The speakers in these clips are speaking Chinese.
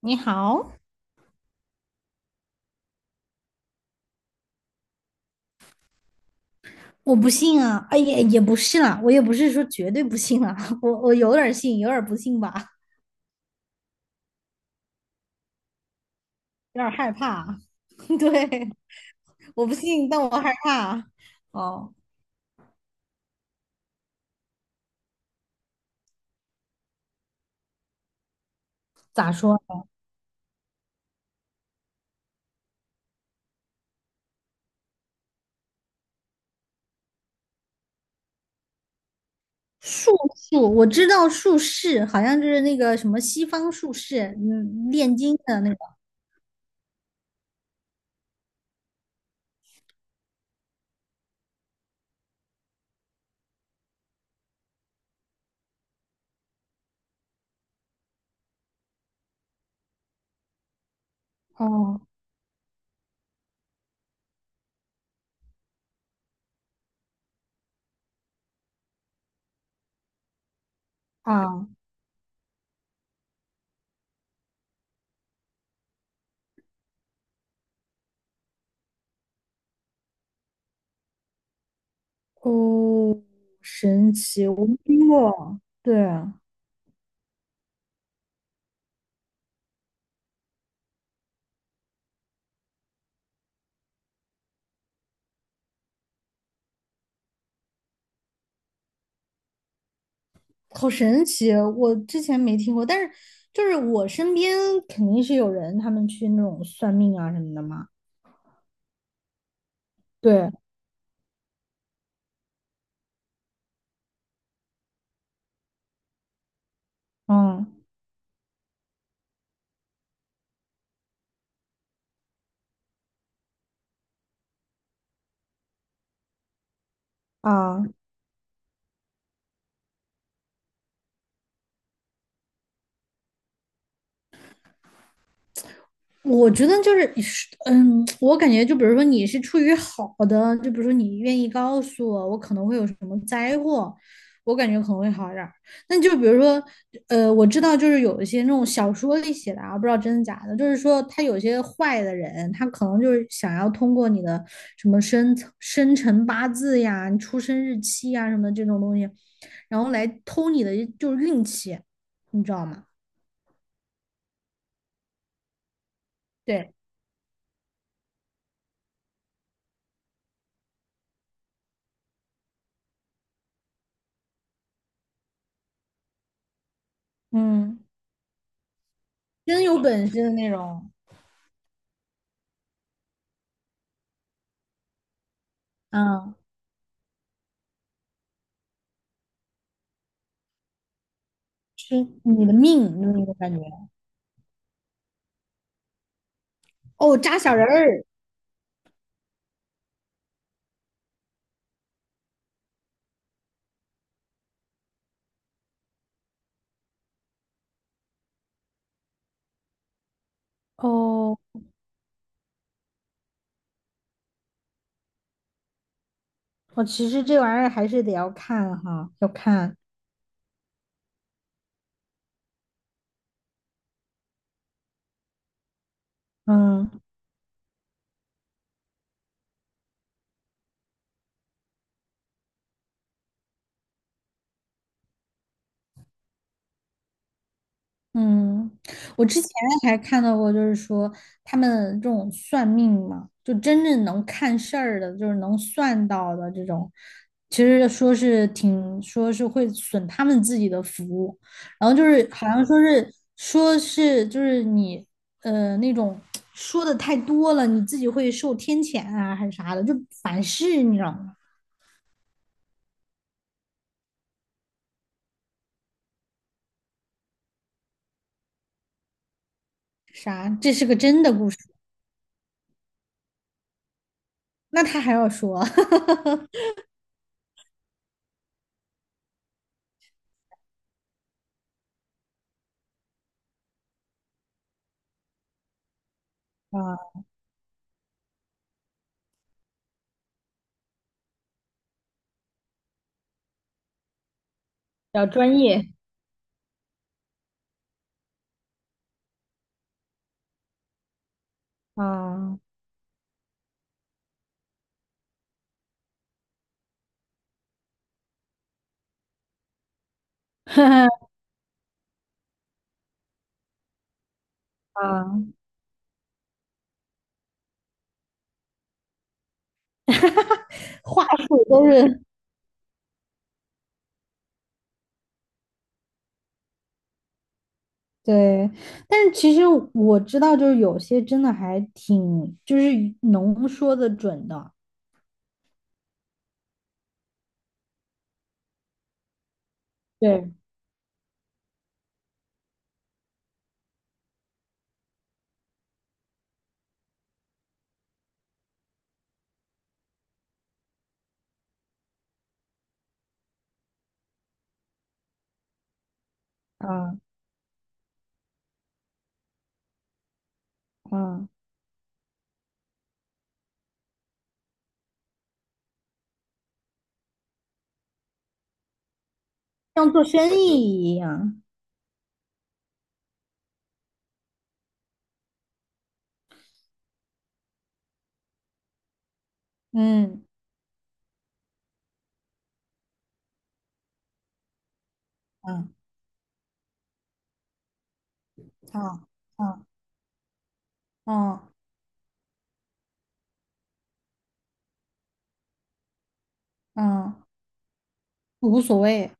你好，我不信啊，哎也不是啦，我也不是说绝对不信啊，我有点儿信，有点儿不信吧，有点儿害怕。对，我不信，但我害怕。哦，咋说？术数，我知道术士，好像就是那个什么西方术士，嗯，炼金的那个。哦啊，哦，神奇，我没听过。对啊，好神奇啊，我之前没听过，但是就是我身边肯定是有人他们去那种算命啊什么的嘛。对，嗯啊，我觉得就是，嗯，我感觉就比如说你是出于好的，就比如说你愿意告诉我，我可能会有什么灾祸，我感觉可能会好一点儿。那就比如说，我知道就是有一些那种小说里写的啊，不知道真的假的，就是说他有些坏的人，他可能就是想要通过你的什么生辰八字呀、你出生日期呀什么的这种东西，然后来偷你的就是运气，你知道吗？对，嗯，真有本事的那种。嗯，是你的命那种感觉。哦，扎小人儿，哦，我其实这玩意儿还是得要看哈，要看。嗯。嗯，我之前还看到过，就是说他们这种算命嘛，就真正能看事儿的，就是能算到的这种，其实说是挺说是会损他们自己的福，然后就是好像说是说是就是你那种说的太多了，你自己会受天谴啊还是啥的，就反噬，你知道吗？啥？这是个真的故事，那他还要说，啊，比较专业。啊。啊，话术都是对，但是其实我知道，就是有些真的还挺，就是能说的准的，对，啊啊像做生意一样。嗯嗯啊啊啊啊，无所谓，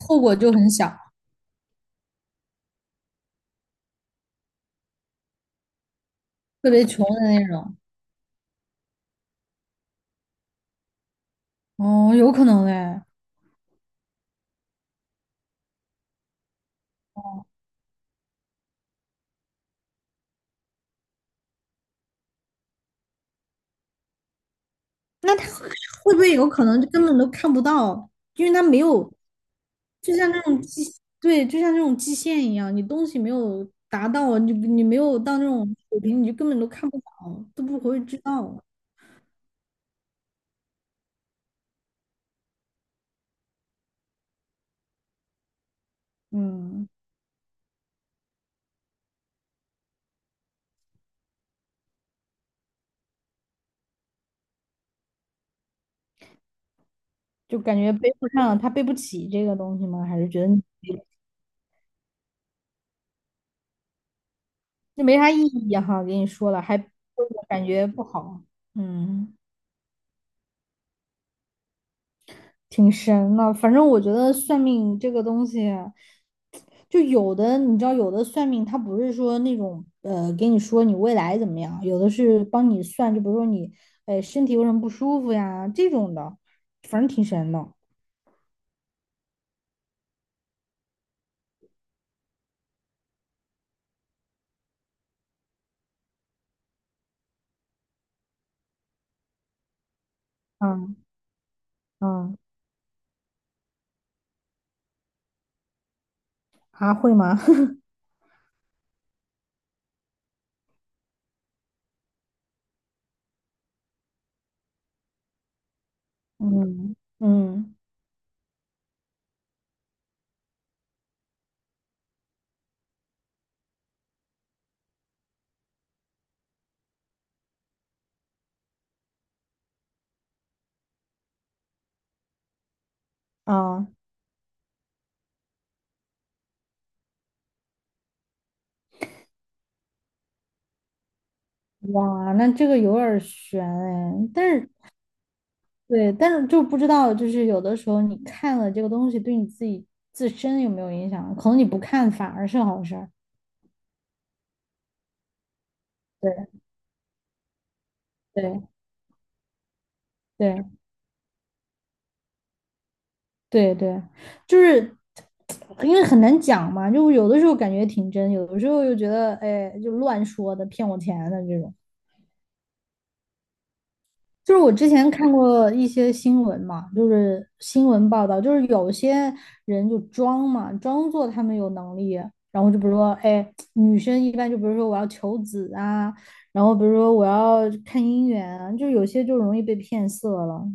后果就很小，特别穷的那种。哦，有可能哎，那他会不会有可能就根本都看不到，因为他没有就像那种基，对，就像那种基线一样，你东西没有达到，你没有到那种水平，你就根本都看不到，都不会知道。嗯，就感觉背不上，他背不起这个东西吗？还是觉得你这没啥意义哈？给你说了，还感觉不好。嗯。挺神的。反正我觉得算命这个东西，就有的你知道，有的算命它不是说那种给你说你未来怎么样，有的是帮你算，就比如说你身体有什么不舒服呀这种的，反正挺神的。嗯嗯，啊会吗？嗯嗯啊哇，那这个有点儿悬哎，但是对，但是就不知道，就是有的时候你看了这个东西，对你自己自身有没有影响？可能你不看反而是好事儿。对对对对对，就是因为很难讲嘛，就有的时候感觉挺真，有的时候又觉得哎，就乱说的，骗我钱的这种。就是我之前看过一些新闻嘛，就是新闻报道，就是有些人就装嘛，装作他们有能力，然后就比如说，哎，女生一般就比如说我要求子啊，然后比如说我要看姻缘啊，就有些就容易被骗色了。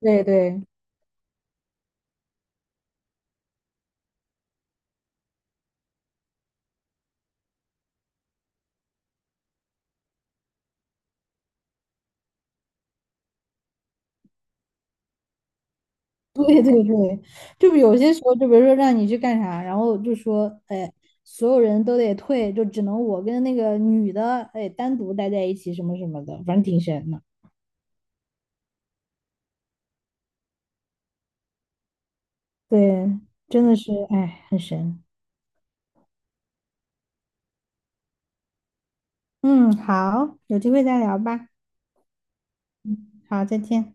对对 对对对，就是有些时候，就比如说让你去干啥，然后就说，哎，所有人都得退，就只能我跟那个女的，哎，单独待在一起，什么什么的，反正挺神的。对，真的是，哎，很神。嗯，好，有机会再聊吧。好，再见。